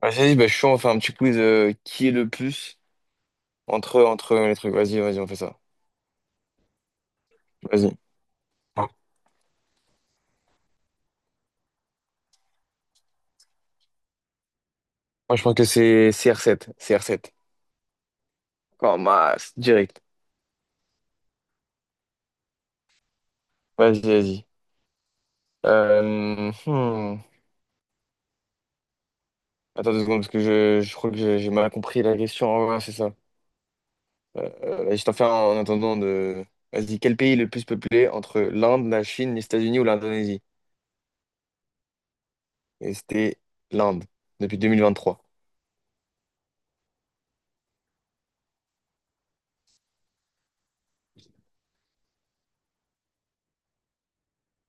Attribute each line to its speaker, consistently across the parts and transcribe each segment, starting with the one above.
Speaker 1: Ah, vas-y, bah, je suis chaud, on fait un petit quiz qui est le plus entre les trucs. Vas-y, vas-y, on fait ça. Vas-y. Ah. Moi, je pense que c'est CR7. R 7 Oh, masse, direct. Vas-y, vas-y. Hmm. Attends 2 secondes, parce que je crois que j'ai mal compris la question. Ah ouais, c'est ça. Je t'en fais un en attendant de. Vas-y, quel pays est le plus peuplé entre l'Inde, la Chine, les États-Unis ou l'Indonésie? Et c'était l'Inde, depuis 2023.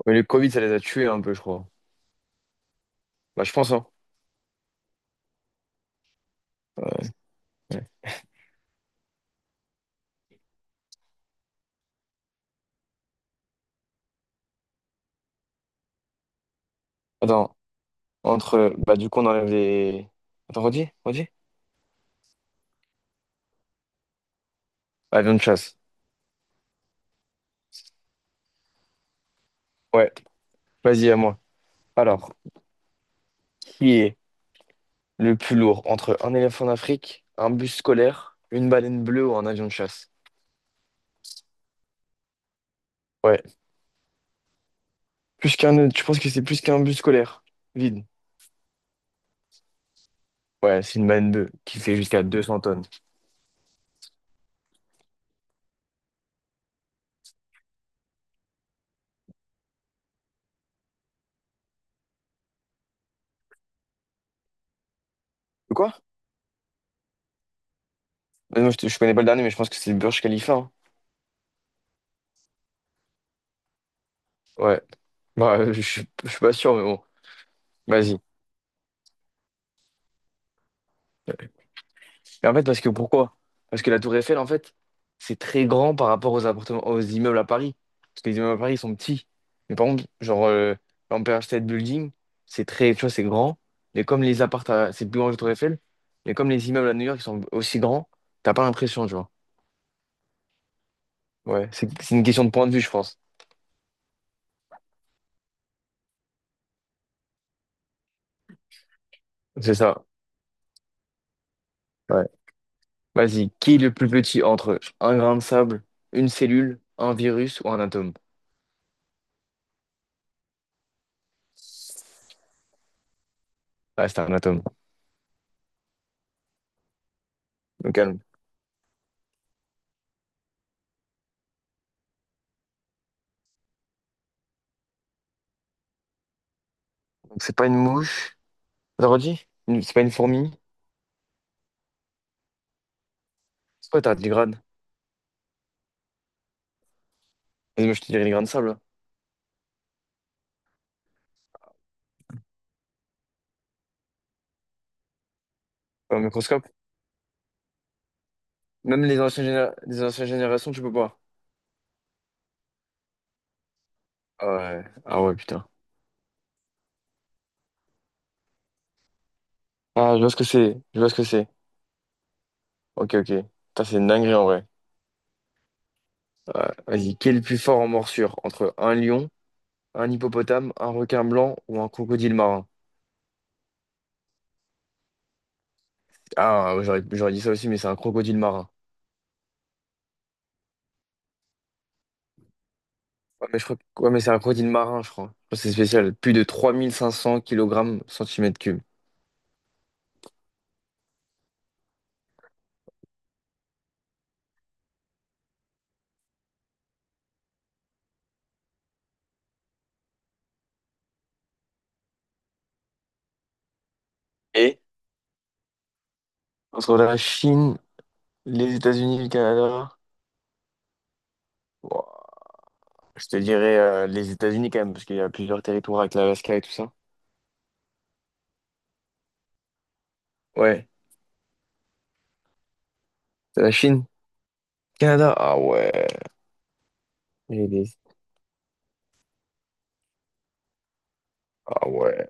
Speaker 1: Mais le Covid, ça les a tués un peu, je crois. Bah, je pense, hein. Euh, Ouais. Attends. Entre, bah, du coup, on enlève les. Attends, redis, redis. Avion de chasse. Ouais, vas-y, à moi. Alors, qui est le plus lourd entre un éléphant d'Afrique, un bus scolaire, une baleine bleue ou un avion de chasse? Ouais. Plus qu'un. Tu penses que c'est plus qu'un bus scolaire? Vide. Ouais, c'est une baleine bleue qui fait jusqu'à 200 tonnes. De quoi? Bah, moi, je connais pas le dernier, mais je pense que c'est le Burj Khalifa, hein. Ouais. Bah, je suis pas sûr, mais bon. Vas-y. Mais en fait, parce que pourquoi? Parce que la Tour Eiffel, en fait, c'est très grand par rapport aux appartements, aux immeubles à Paris. Parce que les immeubles à Paris, ils sont petits. Mais par contre, genre, l'Empire State Building, c'est très, tu vois, c'est grand. Mais comme les appartements, c'est plus grand que la Tour Eiffel. Mais comme les immeubles à New York, ils sont aussi grands, t'as pas l'impression, tu vois. Ouais, c'est une question de point de vue, je pense. C'est ça. Ouais. Vas-y, qui est le plus petit entre un grain de sable, une cellule, un virus ou un atome? Ouais, c'est un atome. Donc, calme. Donc, c'est pas une mouche. T'as redit? C'est pas une fourmi? C'est quoi, t'as 10 grades? Vas-y, moi, je te dirais les grains de sable. Au microscope. Même les anciennes générations, tu peux pas. Ah ouais. Ah ouais, putain. Ah, je vois ce que c'est. Je vois ce que c'est. Ok, ok. Putain, c'est une dinguerie en vrai. Ouais, vas-y, qui est le plus fort en morsure? Entre un lion, un hippopotame, un requin blanc ou un crocodile marin? Ah, ouais, j'aurais dit ça aussi, mais c'est un crocodile marin. Ouais, mais ouais, mais c'est un crocodile marin, je crois. Je crois que c'est spécial. Plus de 3 500 kilogrammes cm cube. Et entre la Chine, les États-Unis, le Canada. Je te dirais les États-Unis quand même, parce qu'il y a plusieurs territoires avec l'Alaska et tout ça. Ouais. La Chine, Canada. Ah ouais. Et les- Ah ouais.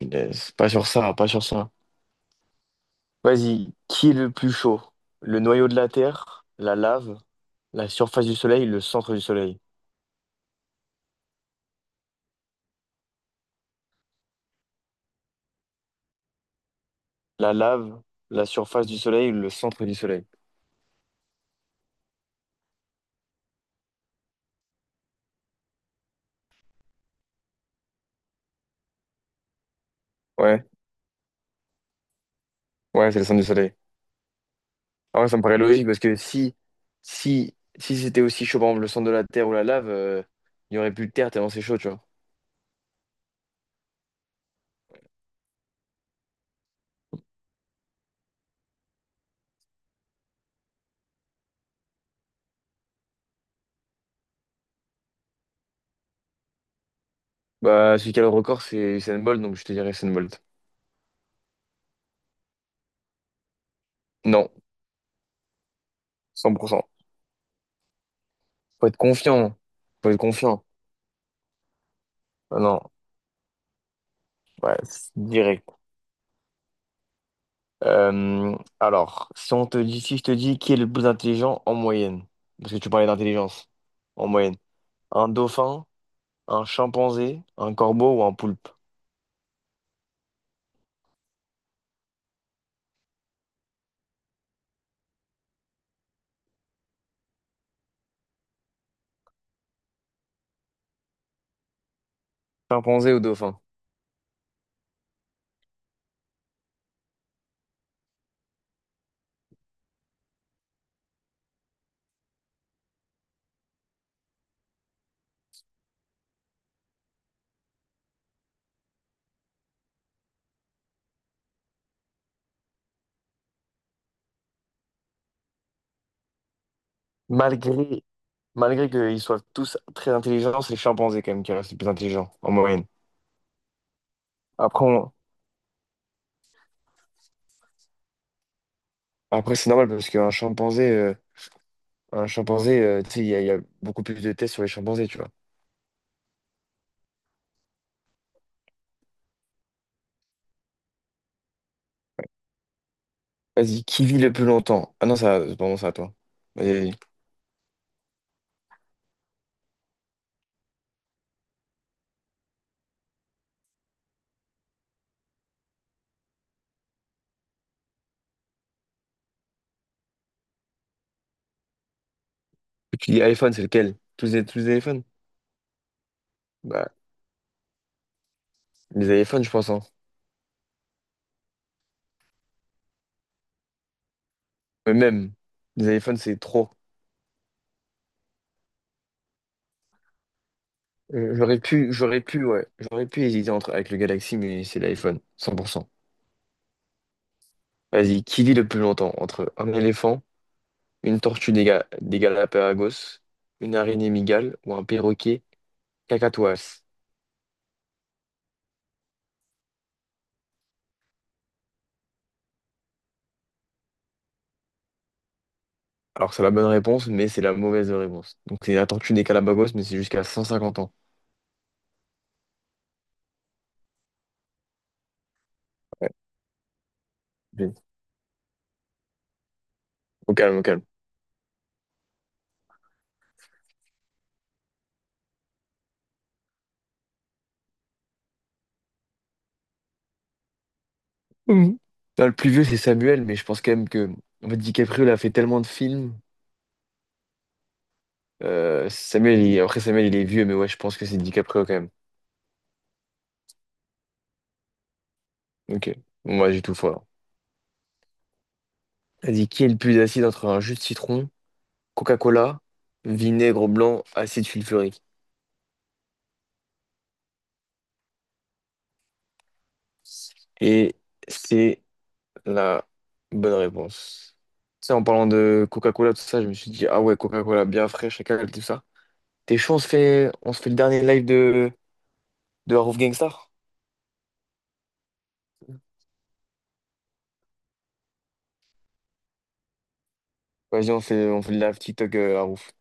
Speaker 1: Les- Pas sur ça, pas sur ça. Vas-y, qui est le plus chaud? Le noyau de la Terre, la lave, la surface du Soleil, le centre du Soleil. La lave, la surface du Soleil, le centre du Soleil. Ouais, ouais, c'est le centre du Soleil. Ah ouais, ça me paraît logique parce que si c'était aussi chaud, par exemple, le centre de la Terre ou la lave, il n'y aurait plus de Terre tellement c'est chaud, tu vois. Bah, celui qui a le record, c'est Usain Bolt, donc je te dirais Usain Bolt. Non, 100%. Faut être confiant. Faut être confiant. Ah non, ouais, c'est direct. Alors, si on te dit, si je te dis qui est le plus intelligent en moyenne, parce que tu parlais d'intelligence, en moyenne, un dauphin, un chimpanzé, un corbeau ou un poulpe? Chimpanzé ou dauphin? Malgré, malgré qu'ils soient tous très intelligents, c'est le chimpanzé quand même qui reste le plus intelligent en moyenne. Après, on- après, c'est normal parce qu'un chimpanzé, un chimpanzé, tu sais, il y a beaucoup plus de tests sur les chimpanzés, tu vois. Vas-y, qui vit le plus longtemps? Ah non, ça, pardon, c'est à toi. Vas-y, vas-y. Tu dis iPhone, c'est lequel? Tous les iPhones? Bah, les iPhones, je pense, hein. Mais même, les iPhones, c'est trop. J'aurais pu, ouais, j'aurais pu hésiter entre, avec le Galaxy, mais c'est l'iPhone, 100%. Vas-y, qui vit le plus longtemps? Entre un éléphant, une tortue des Galapagos, une araignée mygale ou un perroquet cacatoès? Alors c'est la bonne réponse, mais c'est la mauvaise réponse. Donc c'est la tortue des Galapagos, mais c'est jusqu'à 150 ans. Ouais. Bien. Au calme, au calme. Mhm. Ah, le plus vieux, c'est Samuel, mais je pense quand même que en fait, DiCaprio, il a fait tellement de films. Samuel, après Samuel, il est vieux, mais ouais, je pense que c'est DiCaprio quand même. Ok, moi j'ai tout faux alors. Elle dit, qui est le plus acide entre un jus de citron, Coca-Cola, vinaigre blanc, acide sulfurique? Et c'est la bonne réponse. Tu sais, en parlant de Coca-Cola, tout ça, je me suis dit, ah ouais, Coca-Cola bien fraîche et calme, tout ça. T'es chaud, on se fait le dernier live de Roof Gangstar? Vas-y, on fait le live TikTok à Roof.